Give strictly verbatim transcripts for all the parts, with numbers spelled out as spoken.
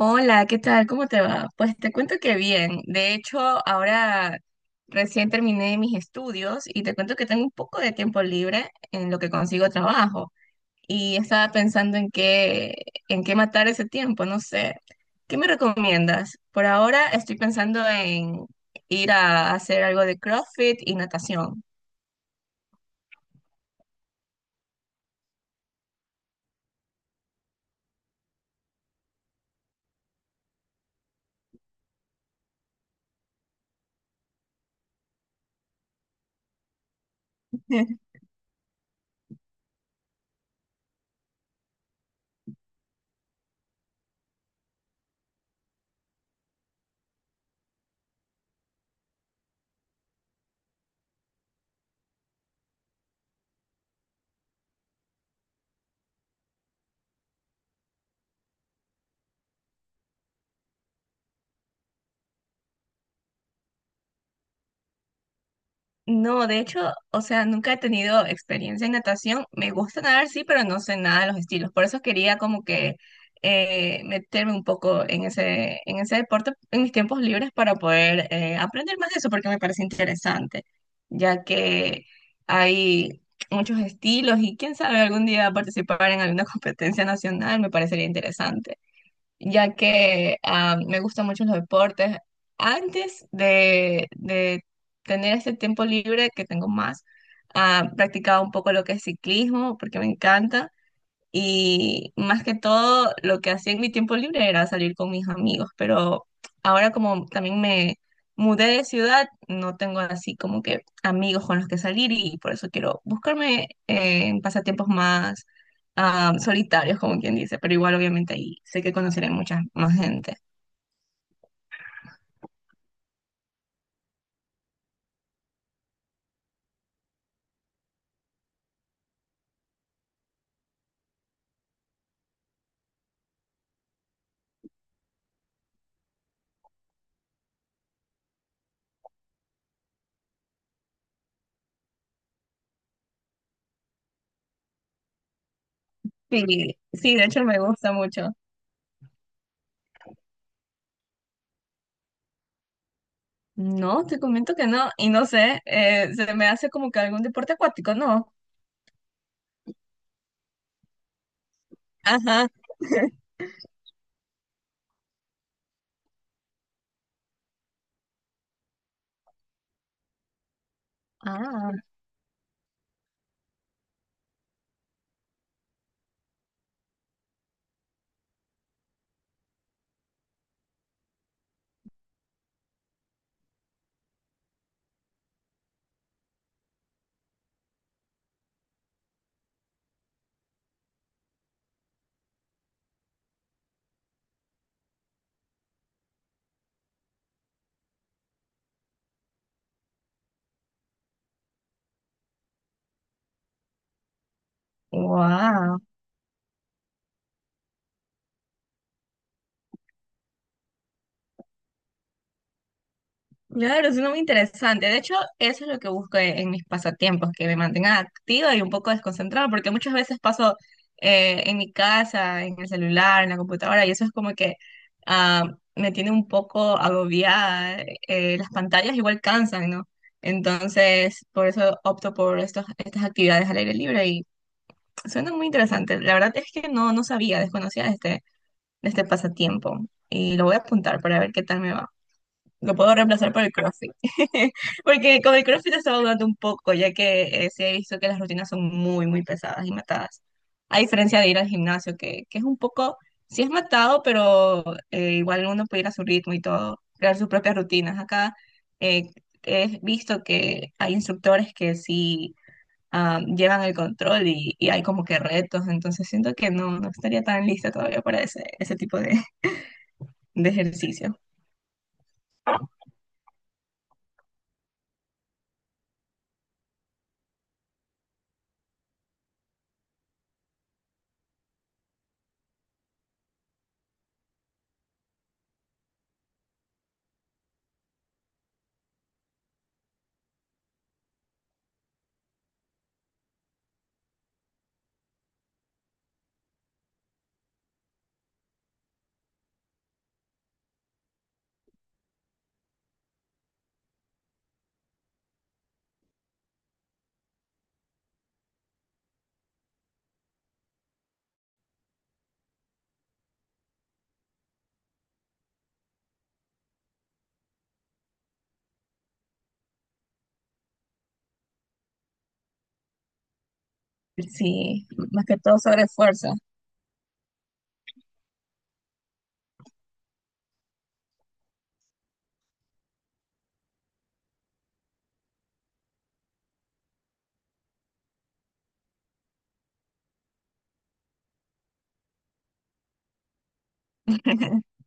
Hola, ¿qué tal? ¿Cómo te va? Pues te cuento que bien. De hecho, ahora recién terminé mis estudios y te cuento que tengo un poco de tiempo libre en lo que consigo trabajo y estaba pensando en qué, en qué matar ese tiempo, no sé. ¿Qué me recomiendas? Por ahora estoy pensando en ir a hacer algo de CrossFit y natación. No, de hecho, o sea, nunca he tenido experiencia en natación. Me gusta nadar, sí, pero no sé nada de los estilos. Por eso quería como que eh, meterme un poco en ese, en ese deporte en mis tiempos libres para poder eh, aprender más de eso, porque me parece interesante, ya que hay muchos estilos y quién sabe, algún día participar en alguna competencia nacional me parecería interesante ya que ah, me gustan mucho los deportes. Antes de, de tener este tiempo libre que tengo más, ah, practicaba un poco lo que es ciclismo, porque me encanta. Y más que todo, lo que hacía en mi tiempo libre era salir con mis amigos, pero ahora como también me mudé de ciudad, no tengo así como que amigos con los que salir y por eso quiero buscarme eh, en pasatiempos más ah, solitarios, como quien dice, pero igual obviamente ahí sé que conoceré mucha más gente. Sí, sí, de hecho me gusta mucho. No, te comento que no, y no sé, eh, se me hace como que algún deporte acuático, ¿no? Ajá. Ah, wow. Claro, suena muy interesante. De hecho, eso es lo que busco en, en mis pasatiempos, que me mantengan activa y un poco desconcentrada, porque muchas veces paso eh, en mi casa, en el celular, en la computadora, y eso es como que ah, me tiene un poco agobiada. Eh, las pantallas igual cansan, ¿no? Entonces, por eso opto por estos, estas actividades al aire libre y suena muy interesante. La verdad es que no, no sabía, desconocía de este, de este pasatiempo y lo voy a apuntar para ver qué tal me va. Lo puedo reemplazar por el CrossFit. Porque con el CrossFit he estado dudando un poco, ya que eh, sí he visto que las rutinas son muy, muy pesadas y matadas. A diferencia de ir al gimnasio, que, que es un poco, sí es matado, pero eh, igual uno puede ir a su ritmo y todo, crear sus propias rutinas. Acá eh, he visto que hay instructores que sí ah, llevan el control y, y hay como que retos, entonces siento que no, no estaría tan lista todavía para ese, ese tipo de, de ejercicio. Sí, más que todo sobre esfuerzo.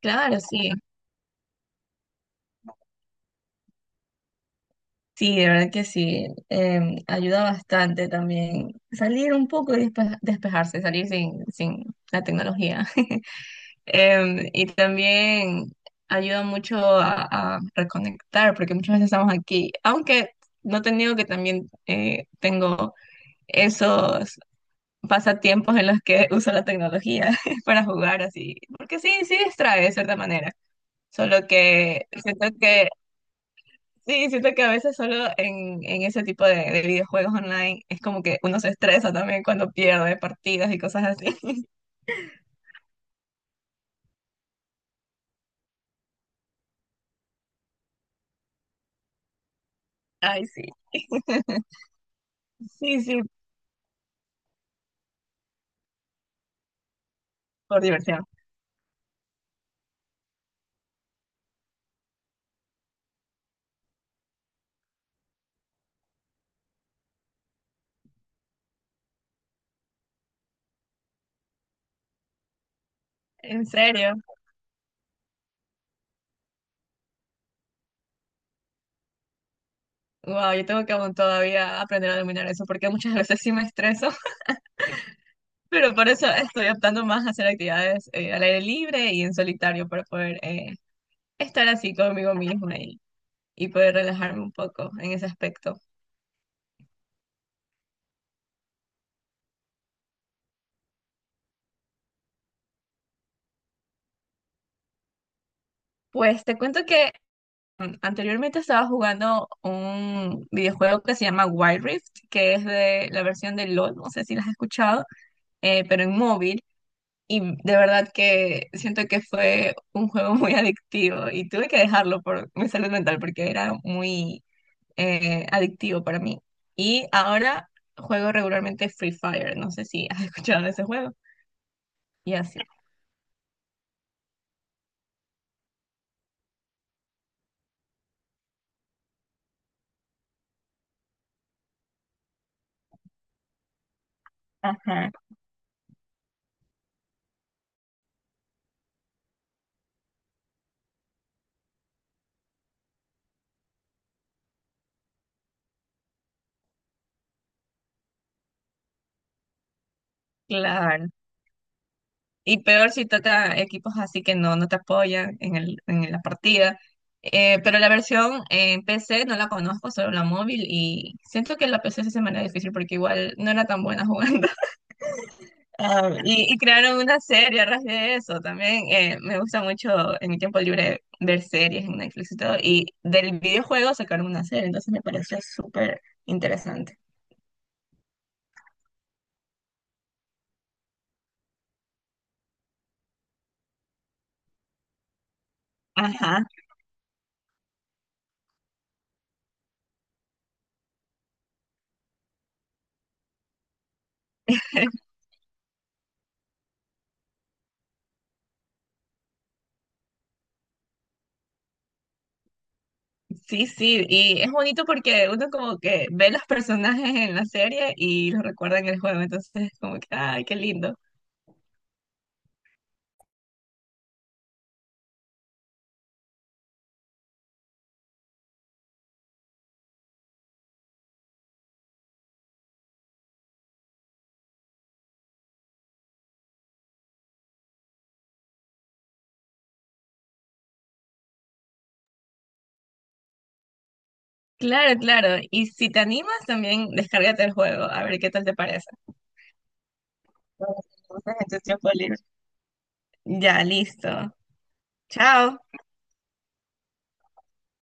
Claro, sí, sí, de verdad que sí. Em, ayuda bastante también salir un poco y despe- despejarse, salir sin, sin la tecnología. Em, y también ayuda mucho a, a reconectar, porque muchas veces estamos aquí, aunque no te niego que también eh, tengo esos pasatiempos en los que uso la tecnología para jugar así, porque sí, sí distrae de cierta manera. Solo que siento que sí, siento que a veces solo en, en ese tipo de, de videojuegos online es como que uno se estresa también cuando pierde partidas y cosas así. Ay, sí. Sí, sí, por diversión. En serio. Wow, yo tengo que aún todavía aprender a dominar eso porque muchas veces sí me estreso, pero por eso estoy optando más a hacer actividades eh, al aire libre y en solitario para poder eh, estar así conmigo misma y, y poder relajarme un poco en ese aspecto. Pues te cuento que anteriormente estaba jugando un videojuego que se llama Wild Rift, que es de la versión de LOL, no sé si la has escuchado, eh, pero en móvil. Y de verdad que siento que fue un juego muy adictivo y tuve que dejarlo por mi salud mental porque era muy eh, adictivo para mí. Y ahora juego regularmente Free Fire, no sé si has escuchado de ese juego. Y así. Ajá. Claro. Y peor si toca equipos así que no, no te apoyan en el, en la partida. Eh, pero la versión en P C no la conozco, solo la móvil. Y siento que la P C se me era difícil porque igual no era tan buena jugando. Ah, y, y crearon una serie a raíz de eso también. Eh, me gusta mucho en mi tiempo libre ver series en Netflix y todo. Y del videojuego sacaron una serie, entonces me pareció súper interesante. Ajá. Sí, sí, y es bonito porque uno como que ve los personajes en la serie y los recuerda en el juego, entonces es como que, ay, qué lindo. Claro, claro, y si te animas también descárgate el juego, a ver qué tal te parece. Entonces, en tu tiempo libre. Ya, listo. Chao.